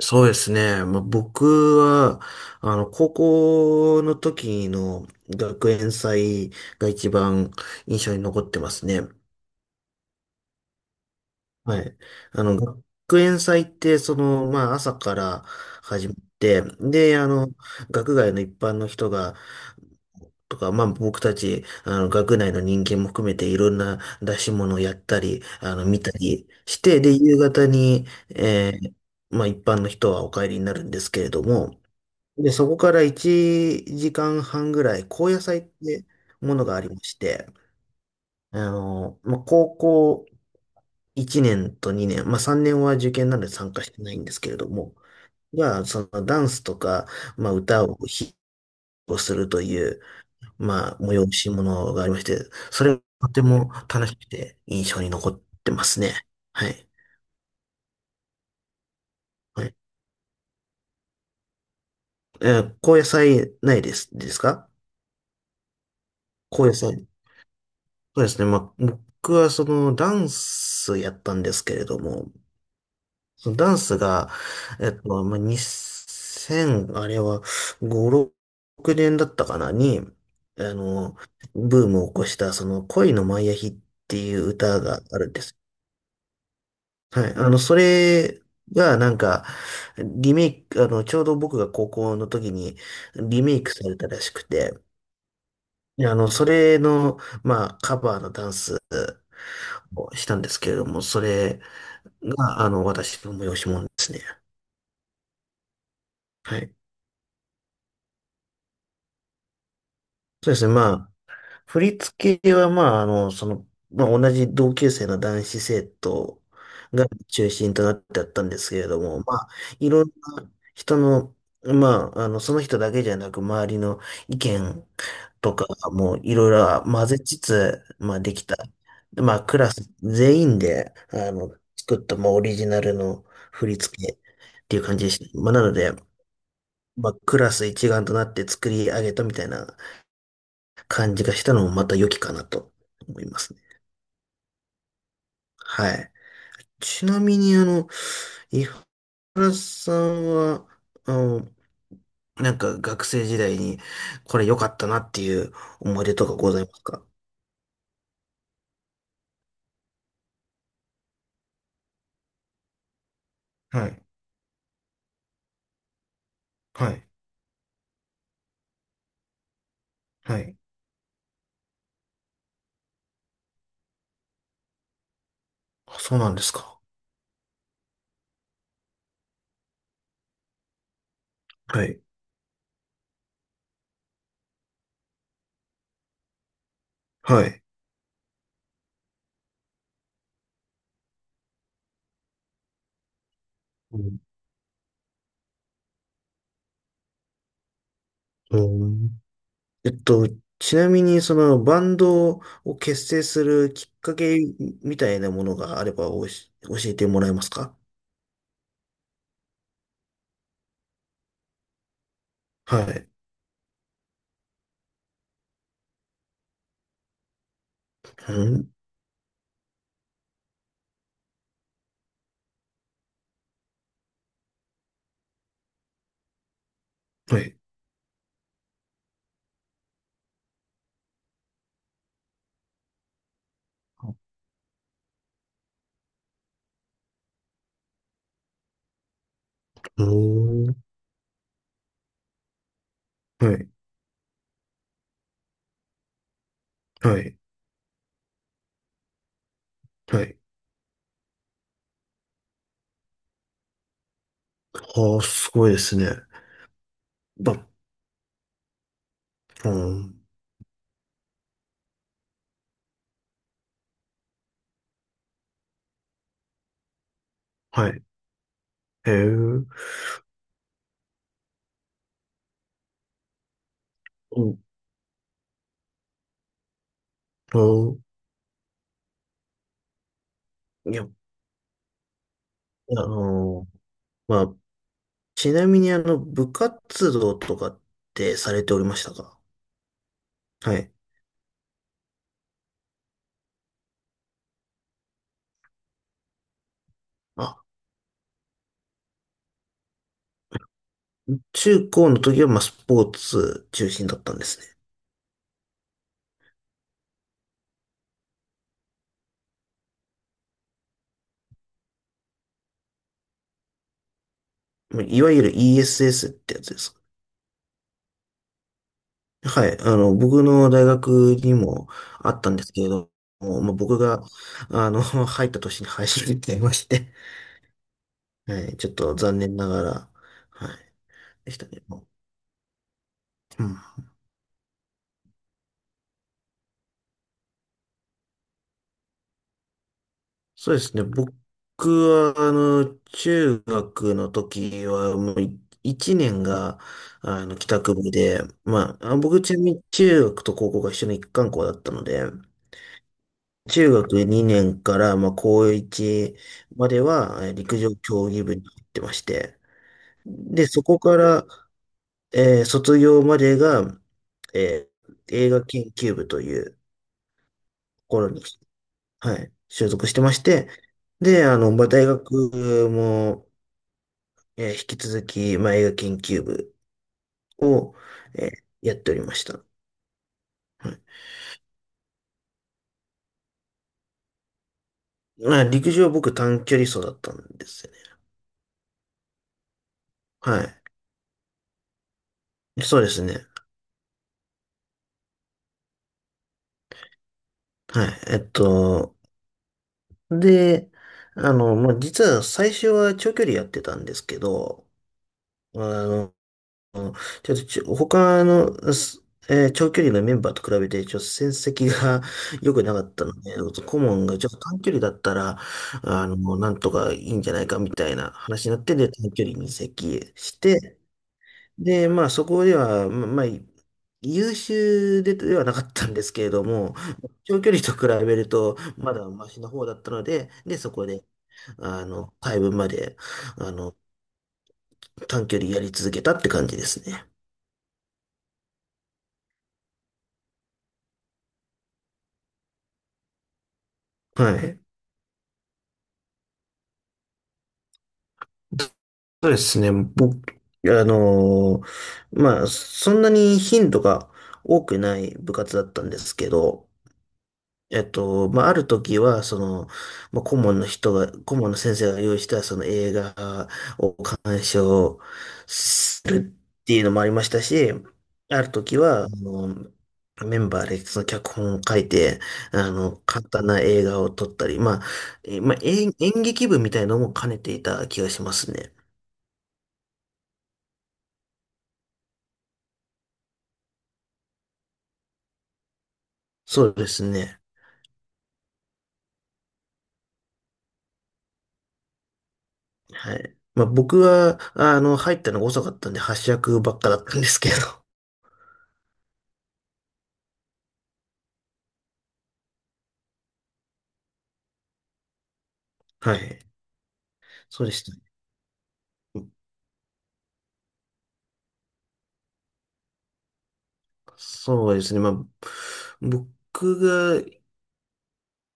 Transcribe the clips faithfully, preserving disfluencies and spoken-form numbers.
そうですね。まあ、僕は、あの、高校の時の学園祭が一番印象に残ってますね。はい。あの、学園祭って、その、まあ、朝から始まって、で、あの、学外の一般の人が、とか、まあ、僕たち、あの、学内の人間も含めていろんな出し物をやったり、あの、見たりして、で、夕方に、えーまあ、一般の人はお帰りになるんですけれども、で、そこからいちじかんはんぐらい、高野祭ってものがありまして、あの、まあ、高校いちねんとにねん、まあ、さんねんは受験なので参加してないんですけれども、が、そのダンスとか、まあ、歌を披露するという、まあ、催し物がありまして、それがとても楽しくて印象に残ってますね。はい。はい、えー高野祭ないです、ですか？高野祭。そうですね。まあ、僕はそのダンスやったんですけれども、そのダンスが、えっと、まあ、にせん、あれはご、ろくねんだったかなに、あの、ブームを起こしたその恋のマイアヒっていう歌があるんです。はい。あの、それがなんか、リメイク、あの、ちょうど僕が高校の時にリメイクされたらしくて、いや、あの、それの、まあ、カバーのダンスをしたんですけれども、それが、あの、私の催し物ですね。はい。そうですね。まあ、振り付けは、まあ、あの、その、まあ、同じ同級生の男子生徒が中心となってあったんですけれども、まあ、いろんな人の、まあ、あの、その人だけじゃなく、周りの意見とか、もういろいろ混ぜつつ、まあできた。でまあクラス全員で、あの、作った、もうオリジナルの振り付けっていう感じでした。まあなので、まあクラス一丸となって作り上げたみたいな感じがしたのもまた良きかなと思いますね。はい。ちなみにあの、井原さんは、あの、なんか学生時代にこれ良かったなっていう思い出とかございますか？はい、はい、はい。あ、そうなんですか。はい。はい。うん。えっと、ちなみに、その、バンドを結成するきっかけみたいなものがあればおし、教えてもらえますか？はい。うん。はい。うん。はい。はい。はい。はあ、すごいですね。ば、うん。はい。へえ。うんうん。いや、あの、まあ、ちなみに、あの、部活動とかってされておりましたか？はい。あ、中高の時は、まあ、スポーツ中心だったんですね。いわゆる イーエスエス ってやつです。はい。あの、僕の大学にもあったんですけれども、まあ、僕が、あの、入った年に廃止になっちゃいまして、はい。ちょっと残念ながら、はい。でしたね。もううん。そうですね。僕は、あの、中学の時は、もうい、いちねんが、あの、帰宅部で、まあ、あ、僕ちなみに中学と高校が一緒の一貫校だったので、中学にねんから、まあ、高いちまでは、えー陸上競技部に行ってまして。で、そこから、えー卒業までが、えー映画研究部というところに、はい、所属してまして。で、あの、まあ、大学も、えー引き続き、まあ、映画研究部を、えーやっておりました。はい。まあ、陸上僕短距離走だったんですよね。はい。そうですね。はい。えっと、で、あの、まあ、実は最初は長距離やってたんですけど、あの、ちょっとちょ、他の、すえー長距離のメンバーと比べて、ちょっと戦績が 良くなかったので、顧問がちょっと短距離だったら、あの、なんとかいいんじゃないかみたいな話になって、で、短距離に移籍して、で、まあ、そこでは、ままあ、優秀で、ではなかったんですけれども、長距離と比べると、まだマシな方だったので、で、そこで、あの、回分まで、あの、短距離やり続けたって感じですね。はい。そうですね。僕、あのーまあ、そんなに頻度が多くない部活だったんですけど、えっと、まあ、ある時は、その、まあ、顧問の人が、顧問の先生が用意したその映画を鑑賞するっていうのもありましたし、ある時は、あの、メンバーでその脚本を書いて、あの、簡単な映画を撮ったり、まあ、えまあ、演、演劇部みたいのも兼ねていた気がしますね。そうですね。はい。まあ、僕は、あの、入ったのが遅かったんで、発射ばっかだったんですけど、はい。そうでしたね。そうですね。まあ、僕が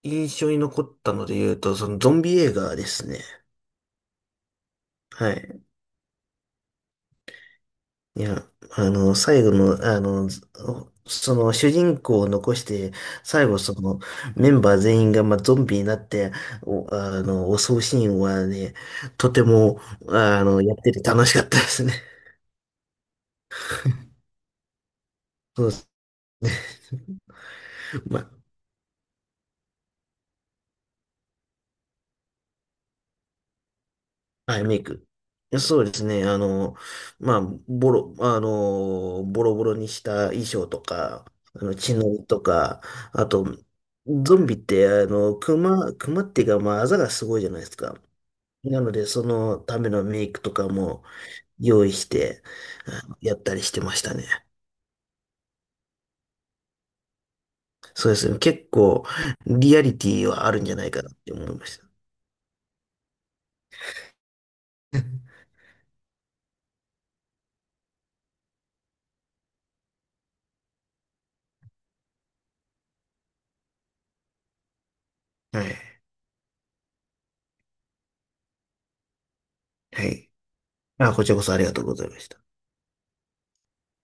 印象に残ったので言うと、そのゾンビ映画ですね。はい。いや、あの、最後の、あの、ずその主人公を残して、最後そのメンバー全員が、まあ、ゾンビになって、お、あの、襲うシーンはね、とても、あの、やってて楽しかったですね。そうですね。まはい、メイク。そうですね。あの、まあ、ボロ、あの、ボロボロにした衣装とか、あの、血のりとか、あと、ゾンビって、あの、熊、熊っていうか、まあ、あざがすごいじゃないですか。なので、そのためのメイクとかも用意して、あのやったりしてましたね。そうですね。結構、リアリティはあるんじゃないかなって思いました。はい。はい。あ、こちらこそありがとうございました。